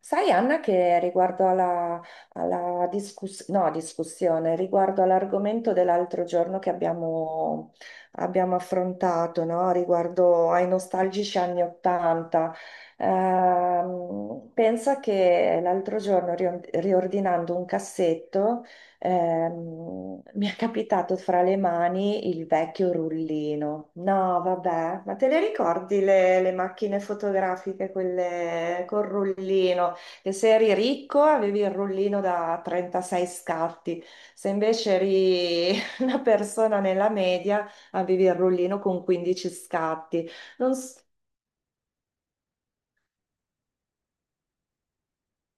Sai, Anna, che riguardo alla discuss- no, discussione, riguardo all'argomento dell'altro giorno che abbiamo affrontato, no? Riguardo ai nostalgici anni Ottanta, pensa che l'altro giorno, riordinando un cassetto, mi è capitato fra le mani il vecchio rullino. No, vabbè, ma te le ricordi le macchine fotografiche, quelle col rullino? Che se eri ricco avevi il rullino da 36 scatti, se invece eri una persona nella media avevi il rullino con 15 scatti. Non s-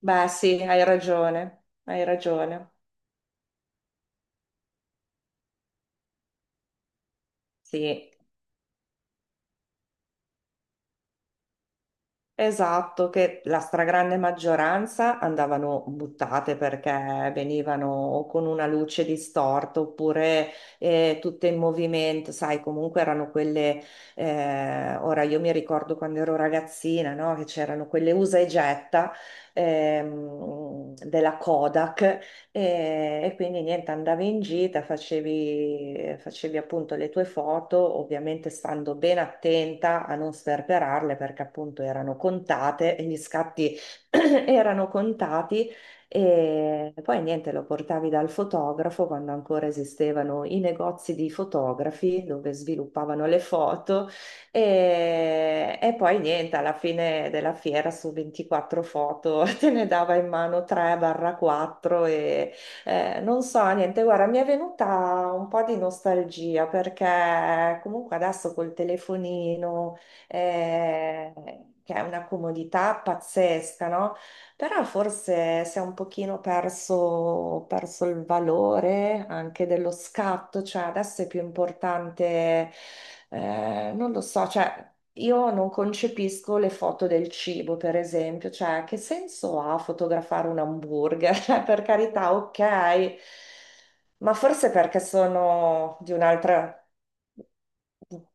Beh, sì, hai ragione, hai ragione. Sì. Esatto, che la stragrande maggioranza andavano buttate perché venivano o con una luce distorta oppure tutte in movimento, sai, comunque erano quelle. Ora io mi ricordo quando ero ragazzina, no? Che c'erano quelle usa e getta della Kodak e quindi niente, andavi in gita, facevi appunto le tue foto, ovviamente stando ben attenta a non sperperarle perché appunto erano contate e gli scatti erano contati. E poi niente, lo portavi dal fotografo quando ancora esistevano i negozi di fotografi dove sviluppavano le foto e poi niente, alla fine della fiera su 24 foto te ne dava in mano 3-4 e non so, niente, guarda, mi è venuta un po' di nostalgia perché comunque adesso col telefonino, eh, che è una comodità pazzesca, no? Però forse si è un pochino perso il valore anche dello scatto, cioè adesso è più importante, non lo so, cioè io non concepisco le foto del cibo, per esempio, cioè che senso ha fotografare un hamburger? Cioè, per carità, ok, ma forse perché sono di un'altra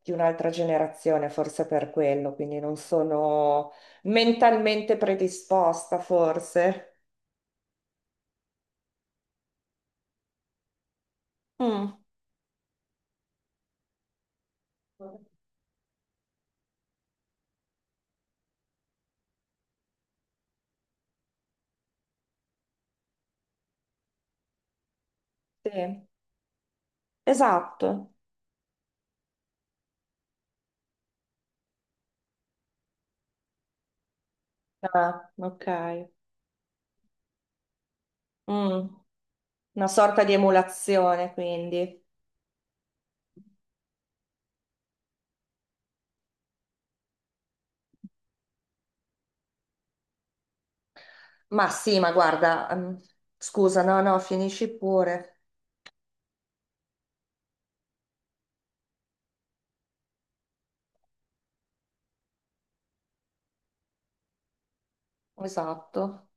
di un'altra generazione, forse per quello, quindi non sono mentalmente predisposta, forse. Mm. Sì, esatto. Ah, ok. Mm. Una sorta di emulazione, quindi. Ma sì, ma guarda, scusa, no, no, finisci pure. Esatto.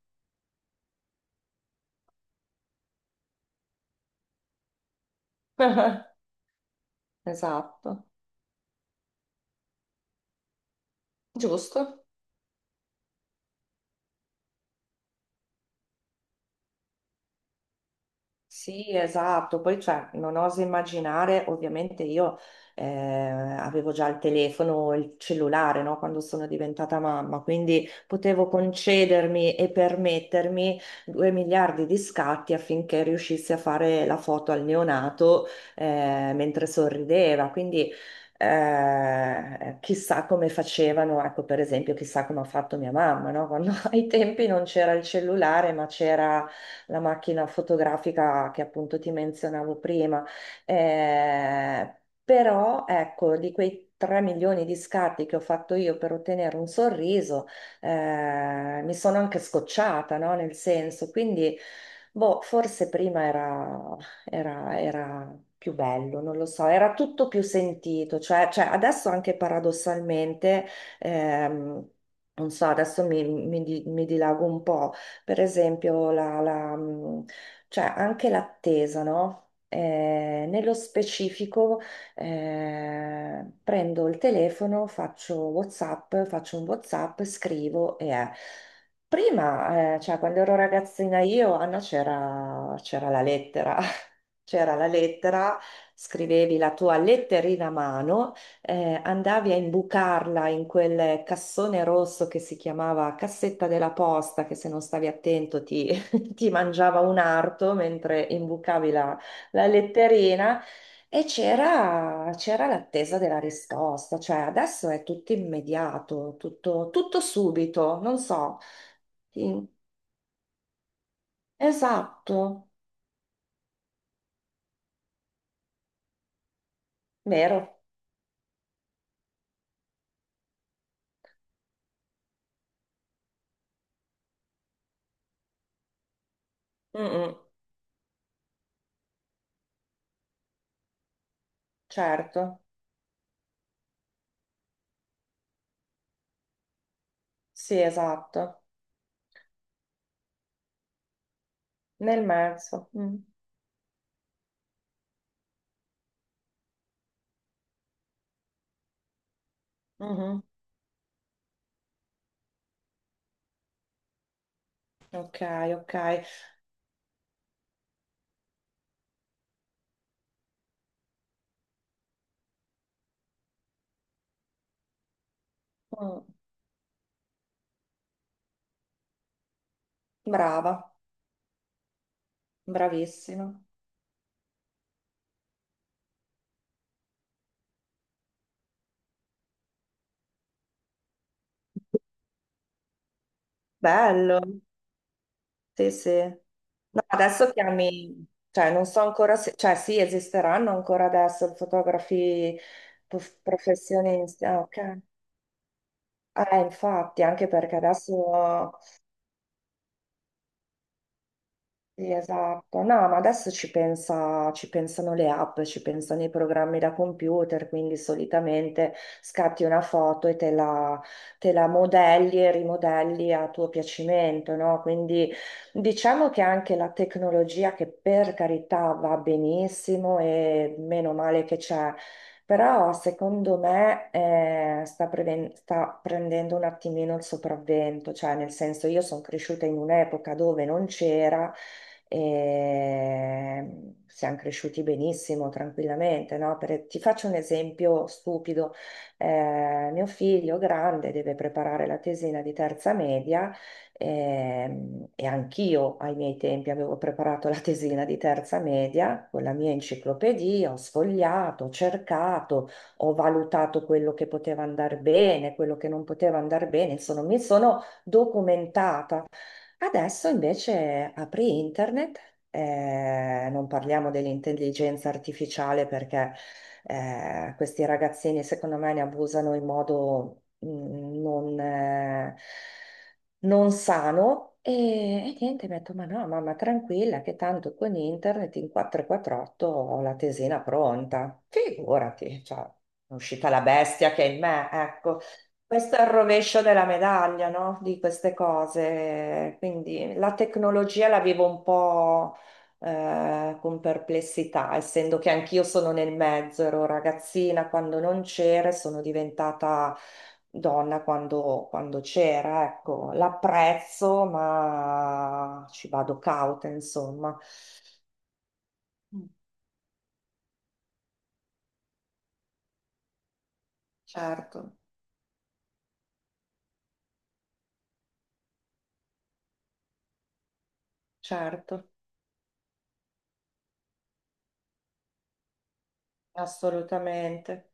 Esatto. Giusto. Sì, esatto, poi cioè, non oso immaginare, ovviamente io avevo già il telefono, il cellulare, no, quando sono diventata mamma, quindi potevo concedermi e permettermi 2 miliardi di scatti affinché riuscissi a fare la foto al neonato mentre sorrideva, quindi chissà come facevano, ecco per esempio, chissà come ha fatto mia mamma, no? Quando ai tempi non c'era il cellulare, ma c'era la macchina fotografica che appunto ti menzionavo prima. Eh, Però ecco, di quei 3 milioni di scatti che ho fatto io per ottenere un sorriso, mi sono anche scocciata, no? Nel senso, quindi boh, forse prima era più bello, non lo so, era tutto più sentito, cioè, cioè, adesso anche paradossalmente, ehm, non so, adesso mi dilago un po', per esempio, cioè anche l'attesa, no? Nello specifico, prendo il telefono, faccio un WhatsApp, scrivo e è. Prima, cioè quando ero ragazzina io, Anna, c'era la lettera. C'era la lettera, scrivevi la tua letterina a mano, andavi a imbucarla in quel cassone rosso che si chiamava cassetta della posta, che se non stavi attento ti, ti mangiava un arto mentre imbucavi la, la letterina. E c'era l'attesa della risposta, cioè adesso è tutto immediato, tutto, tutto subito, non so. Sì, esatto, vero. Mm, mm. Certo. Sì, esatto, nel mezzo. Mm. Mhm. Ok, ok. Mm. Brava, bravissima. Bello, sì, sì. No, adesso chiami, cioè non so ancora se, cioè sì, esisteranno ancora adesso fotografi professionisti. Ah, ok. Infatti, anche perché adesso sì, esatto. No, ma adesso ci pensano le app, ci pensano i programmi da computer, quindi solitamente scatti una foto e te la modelli e rimodelli a tuo piacimento, no? Quindi diciamo che anche la tecnologia, che per carità va benissimo e meno male che c'è, però secondo me sta prendendo un attimino il sopravvento, cioè nel senso io sono cresciuta in un'epoca dove non c'era e siamo cresciuti benissimo, tranquillamente, no? Per- ti faccio un esempio stupido. Mio figlio grande deve preparare la tesina di terza media e anch'io ai miei tempi avevo preparato la tesina di terza media con la mia enciclopedia, ho sfogliato, ho cercato, ho valutato quello che poteva andare bene, quello che non poteva andare bene, insomma mi sono documentata. Adesso invece apri internet, non parliamo dell'intelligenza artificiale perché questi ragazzini secondo me ne abusano in modo non sano e niente, mi ha detto ma no, mamma tranquilla che tanto con internet in 448 ho la tesina pronta, figurati, cioè, è uscita la bestia che è in me, ecco. Questo è il rovescio della medaglia, no? Di queste cose. Quindi la tecnologia la vivo un po' con perplessità, essendo che anch'io sono nel mezzo, ero ragazzina quando non c'era e sono diventata donna quando c'era. Ecco, l'apprezzo, ma ci vado cauta, insomma. Mm. Certo, certo, assolutamente.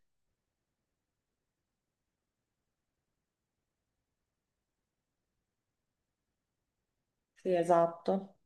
Sì, esatto.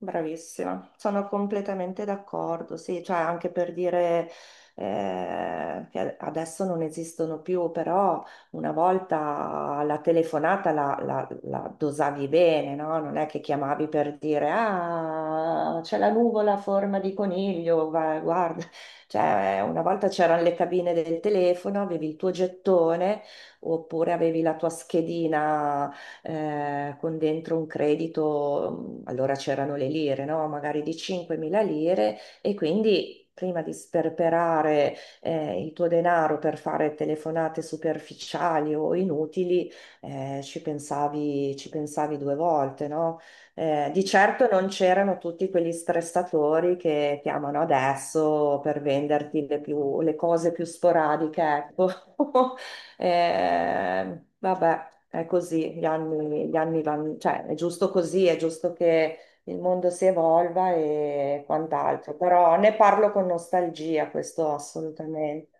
Bravissima, sono completamente d'accordo, sì, cioè anche per dire che adesso non esistono più, però una volta la telefonata la dosavi bene, no? Non è che chiamavi per dire ah, c'è la nuvola a forma di coniglio, guarda, cioè una volta c'erano le cabine del telefono, avevi il tuo gettone oppure avevi la tua schedina con dentro un credito, mm, allora c'erano le lire, no? Magari di 5.000 lire e quindi... Prima di sperperare il tuo denaro per fare telefonate superficiali o inutili, ci pensavi due volte, no? Di certo non c'erano tutti quegli stressatori che chiamano adesso per venderti le cose più sporadiche, ecco. Vabbè. È così, gli anni vanno, cioè è giusto così, è giusto che il mondo si evolva e quant'altro, però ne parlo con nostalgia, questo assolutamente.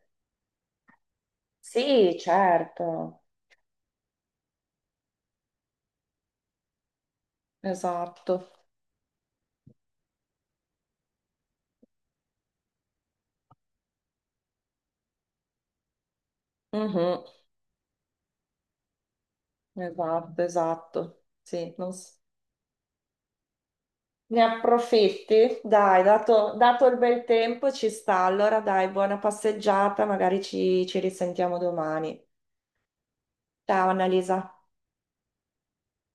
Sì, certo, esatto. Mhm. Esatto, esatto. Sì. non s- Ne approfitti? Dai, dato il bel tempo ci sta, allora dai, buona passeggiata, magari ci risentiamo domani. Ciao Annalisa.